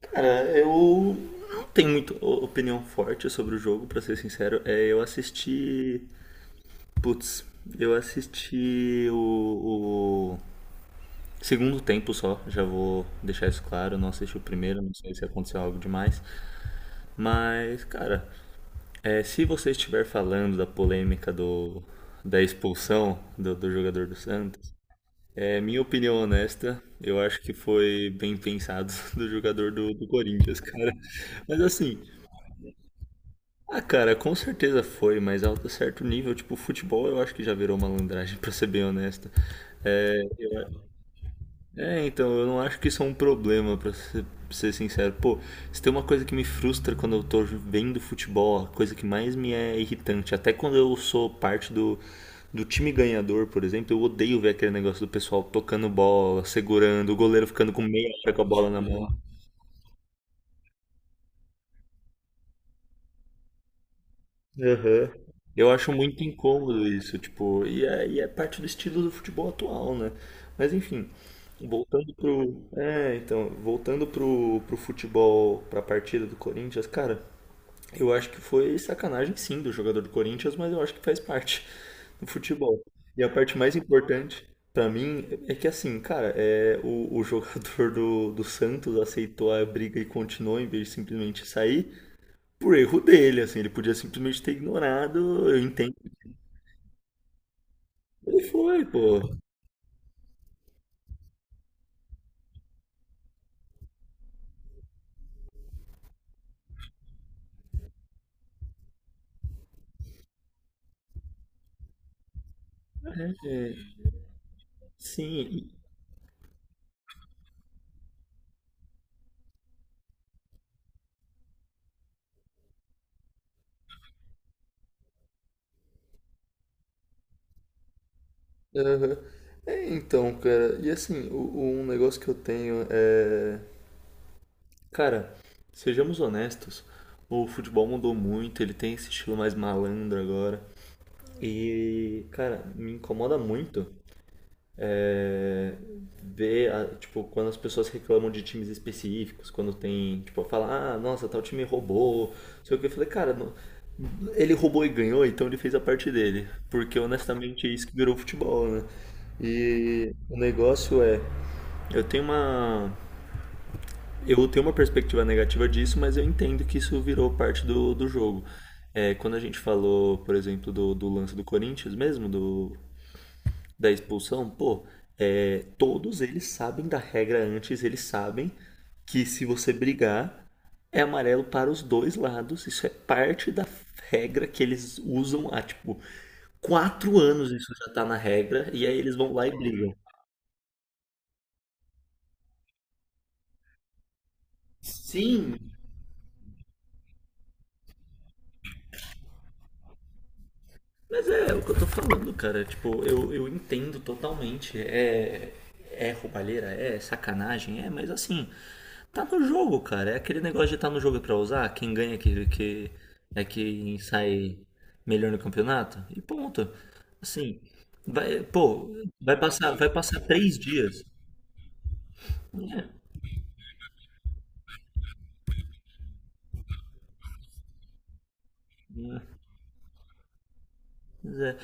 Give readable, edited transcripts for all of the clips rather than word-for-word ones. Cara, eu não tenho muito opinião forte sobre o jogo, pra ser sincero. Eu assisti. Putz, eu assisti o segundo tempo só, já vou deixar isso claro. Não assisti o primeiro, não sei se aconteceu algo demais. Mas, cara, se você estiver falando da polêmica da expulsão do jogador do Santos, é minha opinião honesta. Eu acho que foi bem pensado do jogador do Corinthians, cara. Mas assim, ah, cara, com certeza foi, mas alto certo nível, tipo, futebol eu acho que já virou malandragem, pra ser bem honesto. É, eu- então, eu não acho que isso é um problema, pra ser sincero. Pô, se tem uma coisa que me frustra quando eu tô vendo futebol, a coisa que mais me é irritante, até quando eu sou parte do, do time ganhador, por exemplo, eu odeio ver aquele negócio do pessoal tocando bola, segurando, o goleiro ficando com meia hora com a bola na mão. Aham. Eu acho muito incômodo isso, tipo, e é parte do estilo do futebol atual, né? Mas enfim, voltando pro futebol, pra partida do Corinthians, cara, eu acho que foi sacanagem sim do jogador do Corinthians, mas eu acho que faz parte do futebol. E a parte mais importante pra mim é que assim, cara, o jogador do Santos aceitou a briga e continuou em vez de simplesmente sair por erro dele, assim, ele podia simplesmente ter ignorado, eu entendo. Ele foi, pô. É, sim. Aham. É, então, cara, e assim, um negócio que eu tenho é. Cara, sejamos honestos, o futebol mudou muito, ele tem esse estilo mais malandro agora. E, cara, me incomoda muito é, ver, tipo, quando as pessoas reclamam de times específicos, quando tem, tipo, fala, ah, nossa, tal time roubou, não sei o que. Eu falei, cara, ele roubou e ganhou, então ele fez a parte dele. Porque, honestamente, é isso que virou futebol, né? E o negócio é, eu tenho uma, eu tenho uma perspectiva negativa disso, mas eu entendo que isso virou parte do jogo. É, quando a gente falou, por exemplo, do lance do Corinthians mesmo, da expulsão, pô, é, todos eles sabem da regra antes, eles sabem que se você brigar, é amarelo para os dois lados. Isso é parte da regra que eles usam há, tipo, 4 anos isso já tá na regra, e aí eles vão lá e brigam. Sim, mas é o que eu tô falando, cara. Tipo, eu entendo totalmente. É, é roubalheira, é sacanagem, é, mas assim, tá no jogo, cara. É aquele negócio de estar no jogo é pra usar. Quem ganha é que é quem sai melhor no campeonato. E ponto. Assim, vai, pô, vai passar 3 dias. É, mas é,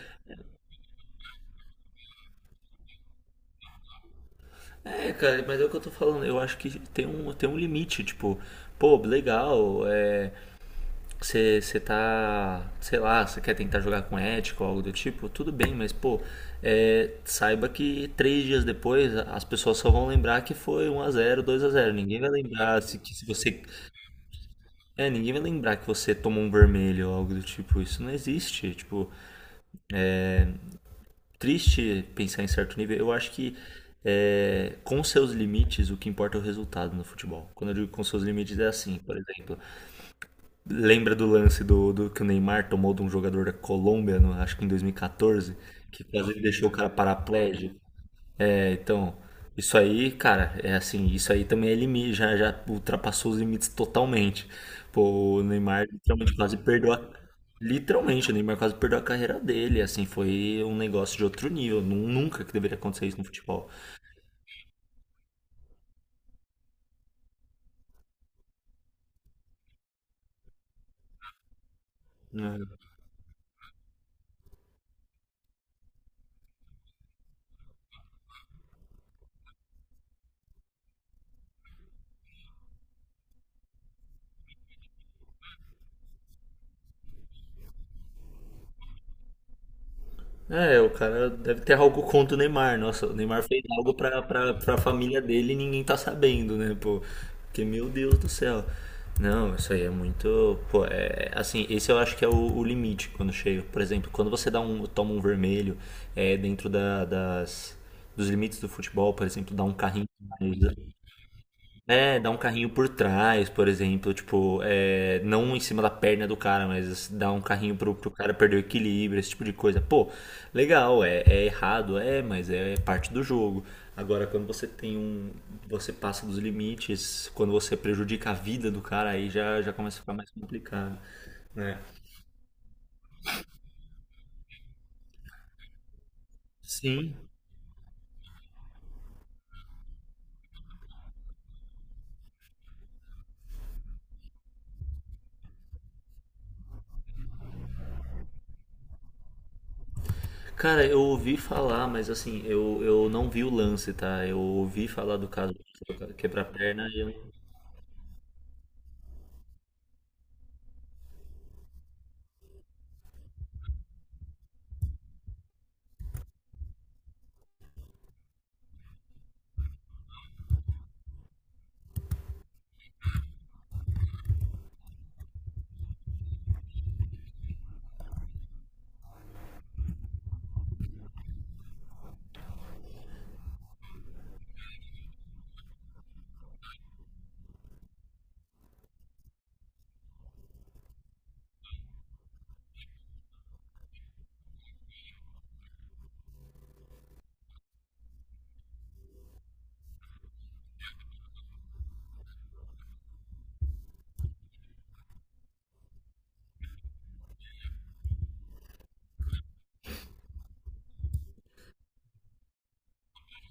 É, cara, mas é o que eu tô falando. Eu acho que tem tem um limite. Tipo, pô, legal, é, você tá, sei lá, você quer tentar jogar com ética ou algo do tipo, tudo bem, mas pô, é, saiba que 3 dias depois as pessoas só vão lembrar que foi um a zero, dois a zero. Ninguém vai lembrar se, que se você. É, ninguém vai lembrar que você tomou um vermelho ou algo do tipo. Isso não existe. Tipo, triste pensar em certo nível. Eu acho que é, com seus limites, o que importa é o resultado no futebol. Quando eu digo com seus limites, é assim, por exemplo. Lembra do lance do que o Neymar tomou de um jogador da Colômbia, acho que em 2014, que quase ele deixou o cara paraplégico? É, então, isso aí, cara, é assim, isso aí também é limite, já, já ultrapassou os limites totalmente. Pô, o Neymar literalmente quase perdeu a. Literalmente, o Neymar quase perdeu a carreira dele, assim, foi um negócio de outro nível. Nunca que deveria acontecer isso no futebol. Né? É, o cara deve ter algo contra o Neymar. Nossa, o Neymar fez algo pra família dele e ninguém tá sabendo, né, pô? Porque, meu Deus do céu. Não, isso aí é muito. Pô, é. Assim, esse eu acho que é o limite quando chega. Por exemplo, quando você toma um vermelho, é dentro dos limites do futebol, por exemplo, dá um carrinho mais é, dá um carrinho por trás, por exemplo, tipo, é, não em cima da perna do cara, mas dá um carrinho pro cara perder o equilíbrio, esse tipo de coisa. Pô, legal, é, é errado, é, mas é parte do jogo. Agora, quando você tem você passa dos limites, quando você prejudica a vida do cara, aí já, já começa a ficar mais complicado, né? Sim. Cara, eu ouvi falar, mas assim, eu não vi o lance, tá? Eu ouvi falar do caso do quebra-perna e eu...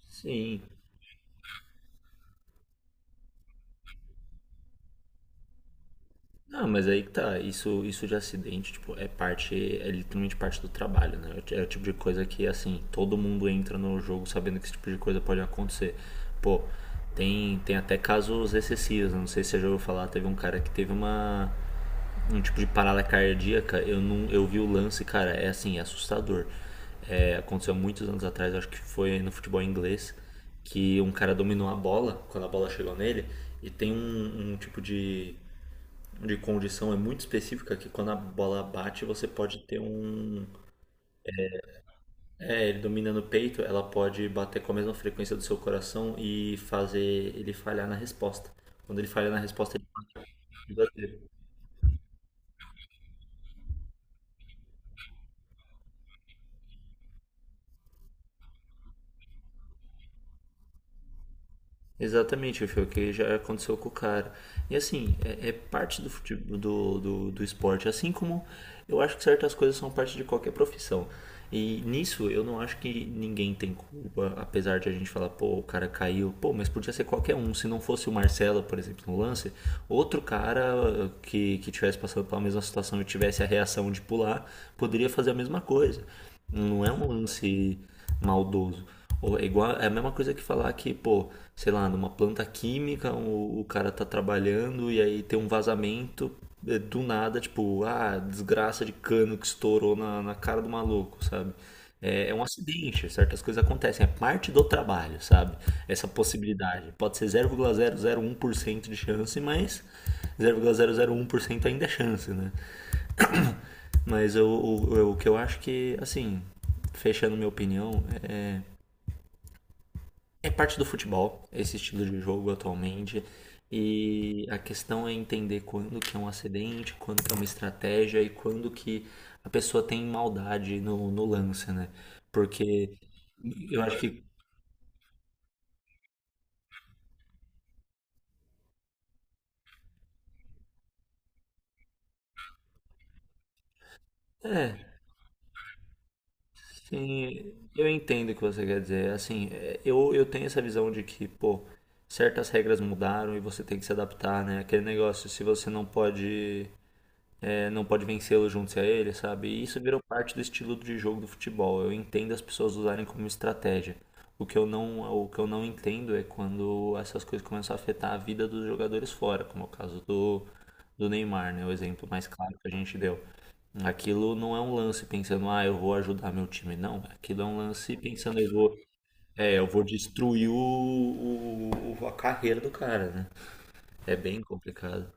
Sim. Não, mas aí que tá, isso de acidente, tipo, é parte, é literalmente parte do trabalho, né? É o tipo de coisa que, assim, todo mundo entra no jogo sabendo que esse tipo de coisa pode acontecer. Pô, tem até casos excessivos, né? Não sei se você já ouviu falar, teve um cara que teve uma, um tipo de parada cardíaca, eu não, eu vi o lance, cara, é assim, é assustador. É, aconteceu há muitos anos atrás, acho que foi no futebol inglês, que um cara dominou a bola, quando a bola chegou nele, e tem um, um tipo de condição é muito específica que quando a bola bate você pode ter um é ele domina no peito ela pode bater com a mesma frequência do seu coração e fazer ele falhar na resposta quando ele falhar na resposta ele bate no exatamente, foi o que já aconteceu com o cara. E assim, é, é parte do, fute- do, do, do esporte, assim como eu acho que certas coisas são parte de qualquer profissão. E nisso eu não acho que ninguém tem culpa, apesar de a gente falar, pô, o cara caiu, pô, mas podia ser qualquer um. Se não fosse o Marcelo, por exemplo, no lance, outro cara que tivesse passando pela mesma situação e tivesse a reação de pular, poderia fazer a mesma coisa. Não é um lance maldoso. Ou é igual, é a mesma coisa que falar que, pô, sei lá, numa planta química, o cara tá trabalhando e aí tem um vazamento é, do nada, tipo, ah, desgraça de cano que estourou na cara do maluco, sabe? É, é um acidente, certas coisas acontecem, é parte do trabalho, sabe? Essa possibilidade. Pode ser zero vírgula zero zero um por cento de chance, mas zero vírgula zero zero um por cento ainda é chance, né? Mas o que eu acho que, assim, fechando minha opinião, é, é parte do futebol, esse estilo de jogo atualmente. E a questão é entender quando que é um acidente, quando que é uma estratégia e quando que a pessoa tem maldade no lance, né? Porque eu acho que. É, sim, eu entendo o que você quer dizer. Assim, é, eu tenho essa visão de que, pô, certas regras mudaram e você tem que se adaptar, né? Aquele negócio, se você não pode é, não pode vencê-lo junto-se a ele, sabe? E isso virou parte do estilo de jogo do futebol. Eu entendo as pessoas usarem como estratégia. O que eu não entendo é quando essas coisas começam a afetar a vida dos jogadores fora, como é o caso do Neymar, né? O exemplo mais claro que a gente deu. Aquilo não é um lance pensando, ah, eu vou ajudar meu time. Não, aquilo é um lance pensando, eu vou, é, eu vou destruir a carreira do cara, né? É bem complicado.